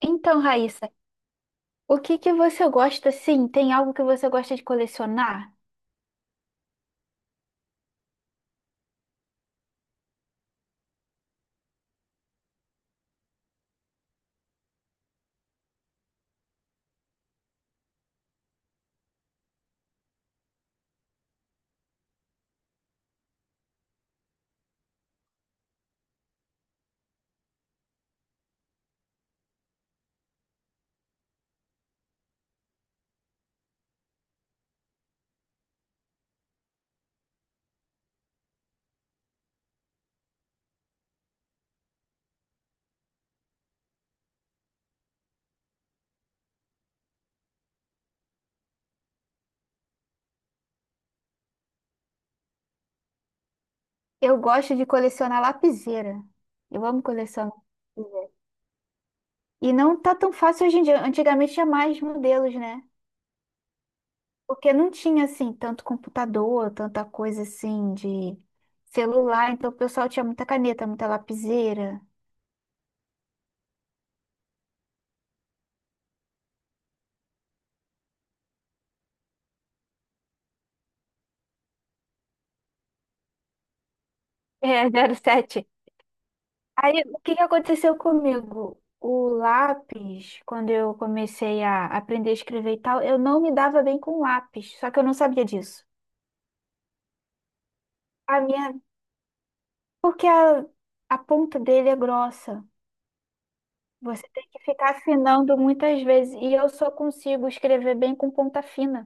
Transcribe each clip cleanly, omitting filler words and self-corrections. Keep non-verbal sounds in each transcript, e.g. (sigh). Então, Raíssa, o que que você gosta, sim? Tem algo que você gosta de colecionar? Eu gosto de colecionar lapiseira. Eu amo colecionar. E não tá tão fácil hoje em dia. Antigamente tinha mais modelos, né? Porque não tinha, assim, tanto computador, tanta coisa, assim, de celular. Então, o pessoal tinha muita caneta, muita lapiseira. É, (laughs) 0,7. Aí, o que que aconteceu comigo? O lápis, quando eu comecei a aprender a escrever e tal, eu não me dava bem com lápis, só que eu não sabia disso. A minha, porque a ponta dele é grossa. Você tem que ficar afinando muitas vezes e eu só consigo escrever bem com ponta fina.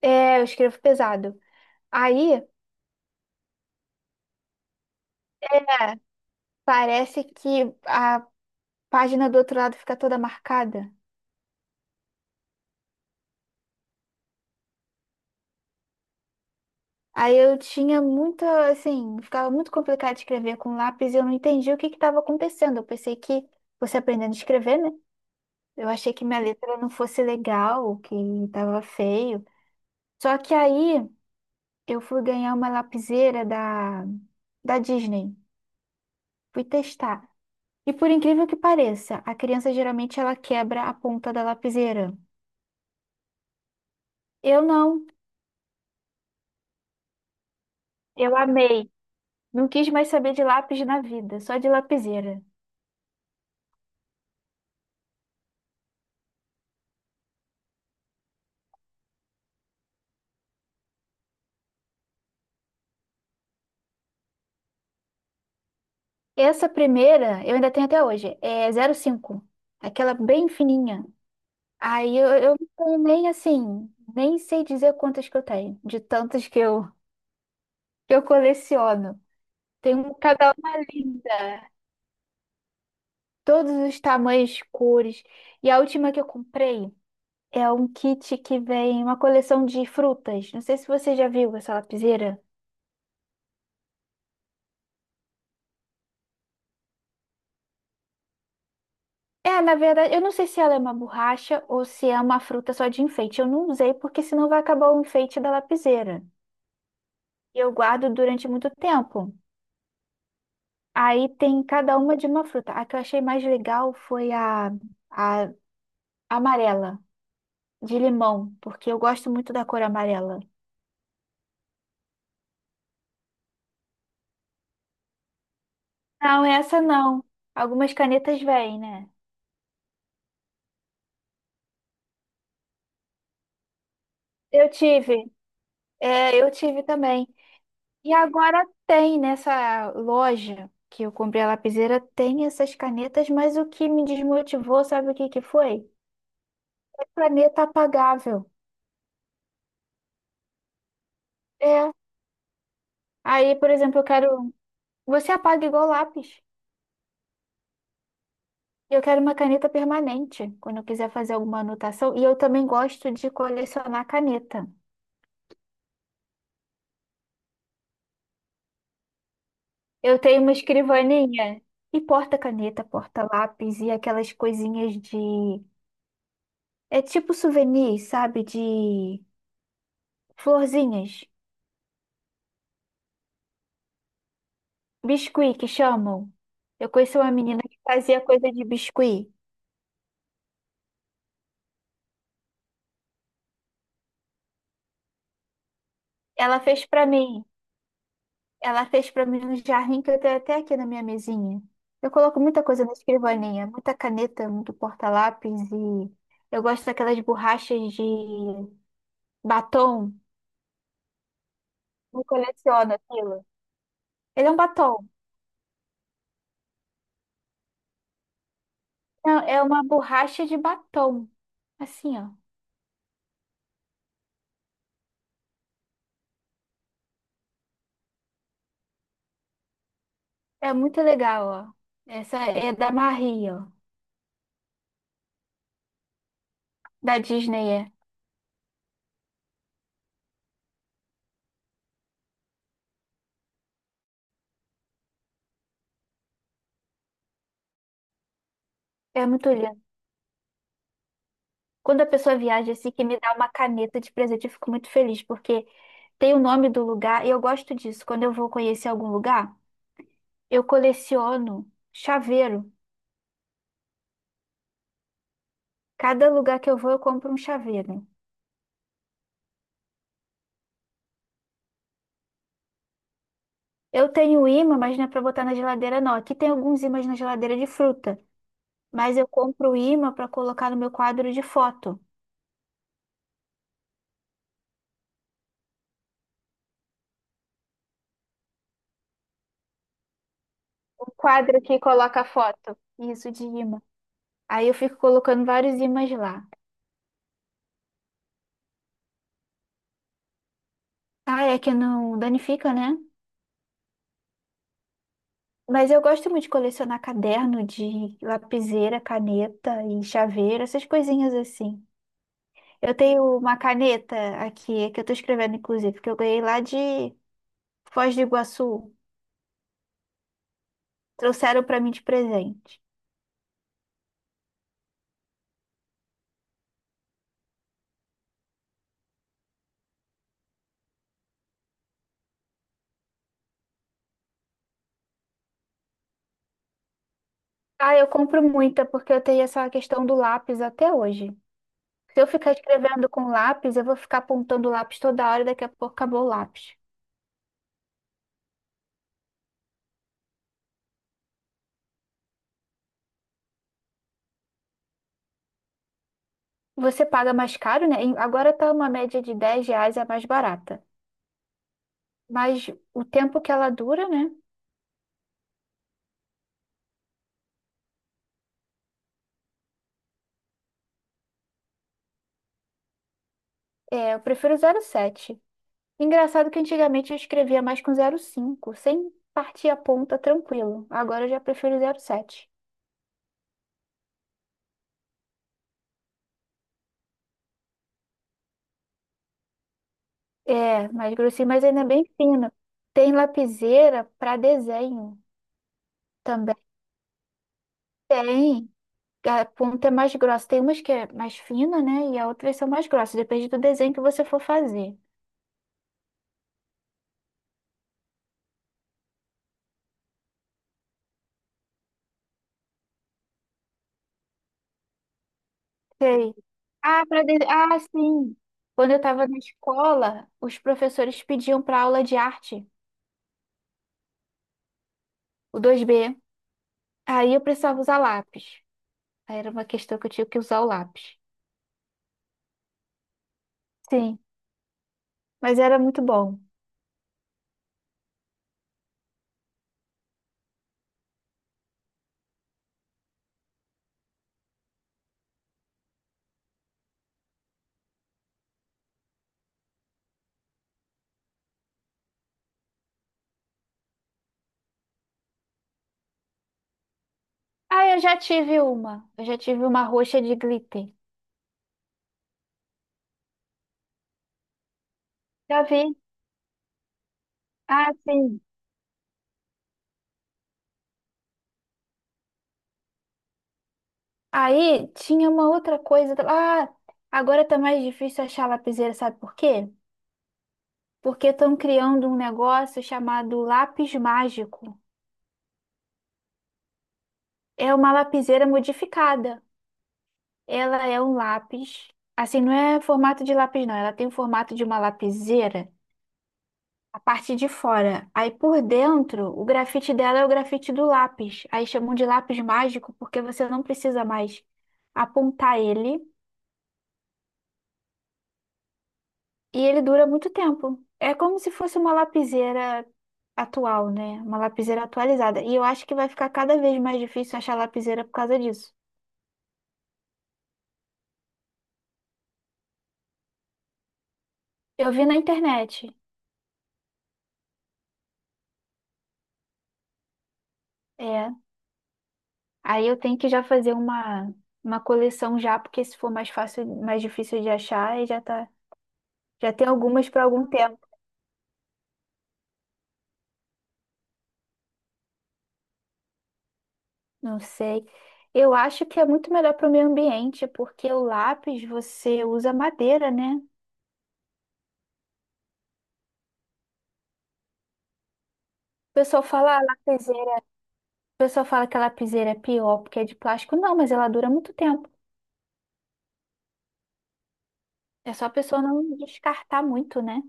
É, eu escrevo pesado. Aí, é, parece que a página do outro lado fica toda marcada. Aí eu tinha muita, assim, ficava muito complicado de escrever com lápis e eu não entendi o que que estava acontecendo. Eu pensei que você aprendendo a escrever, né? Eu achei que minha letra não fosse legal, que estava feio. Só que aí eu fui ganhar uma lapiseira da Disney. Fui testar. E por incrível que pareça, a criança geralmente ela quebra a ponta da lapiseira. Eu não. Eu amei. Não quis mais saber de lápis na vida, só de lapiseira. Essa primeira, eu ainda tenho até hoje, é 0,5, aquela bem fininha. Aí eu não tenho nem assim, nem sei dizer quantas que eu tenho, de tantas que eu coleciono. Tem um- cada uma linda, todos os tamanhos, cores. E a última que eu comprei é um kit que vem uma coleção de frutas. Não sei se você já viu essa lapiseira. É, na verdade, eu não sei se ela é uma borracha ou se é uma fruta só de enfeite. Eu não usei porque senão vai acabar o enfeite da lapiseira. E eu guardo durante muito tempo. Aí tem cada uma de uma fruta. A que eu achei mais legal foi a amarela, de limão, porque eu gosto muito da cor amarela. Não, essa não. Algumas canetas vêm, né? Eu tive. É, eu tive também. E agora tem nessa loja que eu comprei a lapiseira, tem essas canetas, mas o que me desmotivou, sabe o que que foi? É caneta apagável. É. Aí, por exemplo, eu quero. Você apaga igual lápis. Eu quero uma caneta permanente, quando eu quiser fazer alguma anotação. E eu também gosto de colecionar caneta. Eu tenho uma escrivaninha e porta-caneta, porta-lápis e aquelas coisinhas de. É tipo souvenir, sabe? De florzinhas. Biscuit que chamam. Eu conheci uma menina que fazia coisa de biscuit. Ela fez pra mim. Ela fez para mim um jarrinho que eu tenho até aqui na minha mesinha. Eu coloco muita coisa na escrivaninha, muita caneta, muito porta-lápis, e eu gosto daquelas borrachas de batom. Eu coleciono aquilo. Ele é um batom. Não, é uma borracha de batom. Assim, ó. É muito legal, ó. Essa é da Marie, ó. Da Disney, é. É muito lindo. Quando a pessoa viaja assim, que me dá uma caneta de presente, eu fico muito feliz, porque tem o nome do lugar e eu gosto disso. Quando eu vou conhecer algum lugar, eu coleciono chaveiro. Cada lugar que eu vou, eu compro um chaveiro. Eu tenho ímã, mas não é para botar na geladeira, não. Aqui tem alguns ímãs na geladeira de fruta, mas eu compro ímã para colocar no meu quadro de foto. O quadro que coloca foto. Isso, de ímã. Aí eu fico colocando vários ímãs lá. Ah, é que não danifica, né? Mas eu gosto muito de colecionar caderno, de lapiseira, caneta e chaveiro, essas coisinhas assim. Eu tenho uma caneta aqui, que eu tô escrevendo, inclusive, que eu ganhei lá de Foz do Iguaçu. Trouxeram pra mim de presente. Ah, eu compro muita porque eu tenho essa questão do lápis até hoje. Se eu ficar escrevendo com lápis, eu vou ficar apontando o lápis toda hora e daqui a pouco acabou o lápis. Você paga mais caro, né? E agora tá uma média de 10 reais, é mais barata. Mas o tempo que ela dura, né? É, eu prefiro 0,7. Engraçado que antigamente eu escrevia mais com 0,5 sem partir a ponta tranquilo. Agora eu já prefiro 0,7. É, mais grossinho, mas ainda bem fino. Tem lapiseira para desenho também. Tem. A ponta é mais grossa. Tem umas que é mais fina, né? E a outras são mais grossas. Depende do desenho que você for fazer. Sei. Ah, para desenho. Ah, sim. Quando eu estava na escola, os professores pediam para aula de arte, o 2B. Aí eu precisava usar lápis. Aí era uma questão que eu tinha que usar o lápis. Sim, mas era muito bom. Ah, eu já tive uma. Eu já tive uma roxa de glitter. Já vi. Ah, sim. Aí tinha uma outra coisa. Ah, agora tá mais difícil achar lapiseira, sabe por quê? Porque estão criando um negócio chamado lápis mágico. É uma lapiseira modificada. Ela é um lápis. Assim, não é formato de lápis, não. Ela tem o formato de uma lapiseira. A parte de fora. Aí por dentro, o grafite dela é o grafite do lápis. Aí chamam de lápis mágico porque você não precisa mais apontar ele, e ele dura muito tempo. É como se fosse uma lapiseira atual, né? Uma lapiseira atualizada. E eu acho que vai ficar cada vez mais difícil achar lapiseira por causa disso. Eu vi na internet. É. Aí eu tenho que já fazer uma coleção já, porque se for mais fácil, mais difícil de achar, aí já tá, já tem algumas para algum tempo. Não sei. Eu acho que é muito melhor para o meio ambiente, porque o lápis você usa madeira, né? O pessoal fala "Ah, lapiseira", o pessoal fala que a lapiseira é pior porque é de plástico. Não, mas ela dura muito tempo. É só a pessoa não descartar muito, né?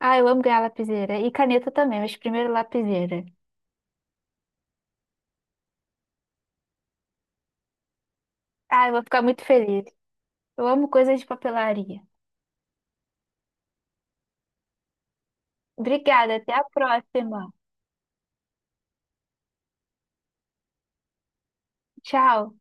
Ah, eu amo ganhar lapiseira. E caneta também, mas primeiro lapiseira. Ah, eu vou ficar muito feliz. Eu amo coisas de papelaria. Obrigada, até a próxima. Tchau.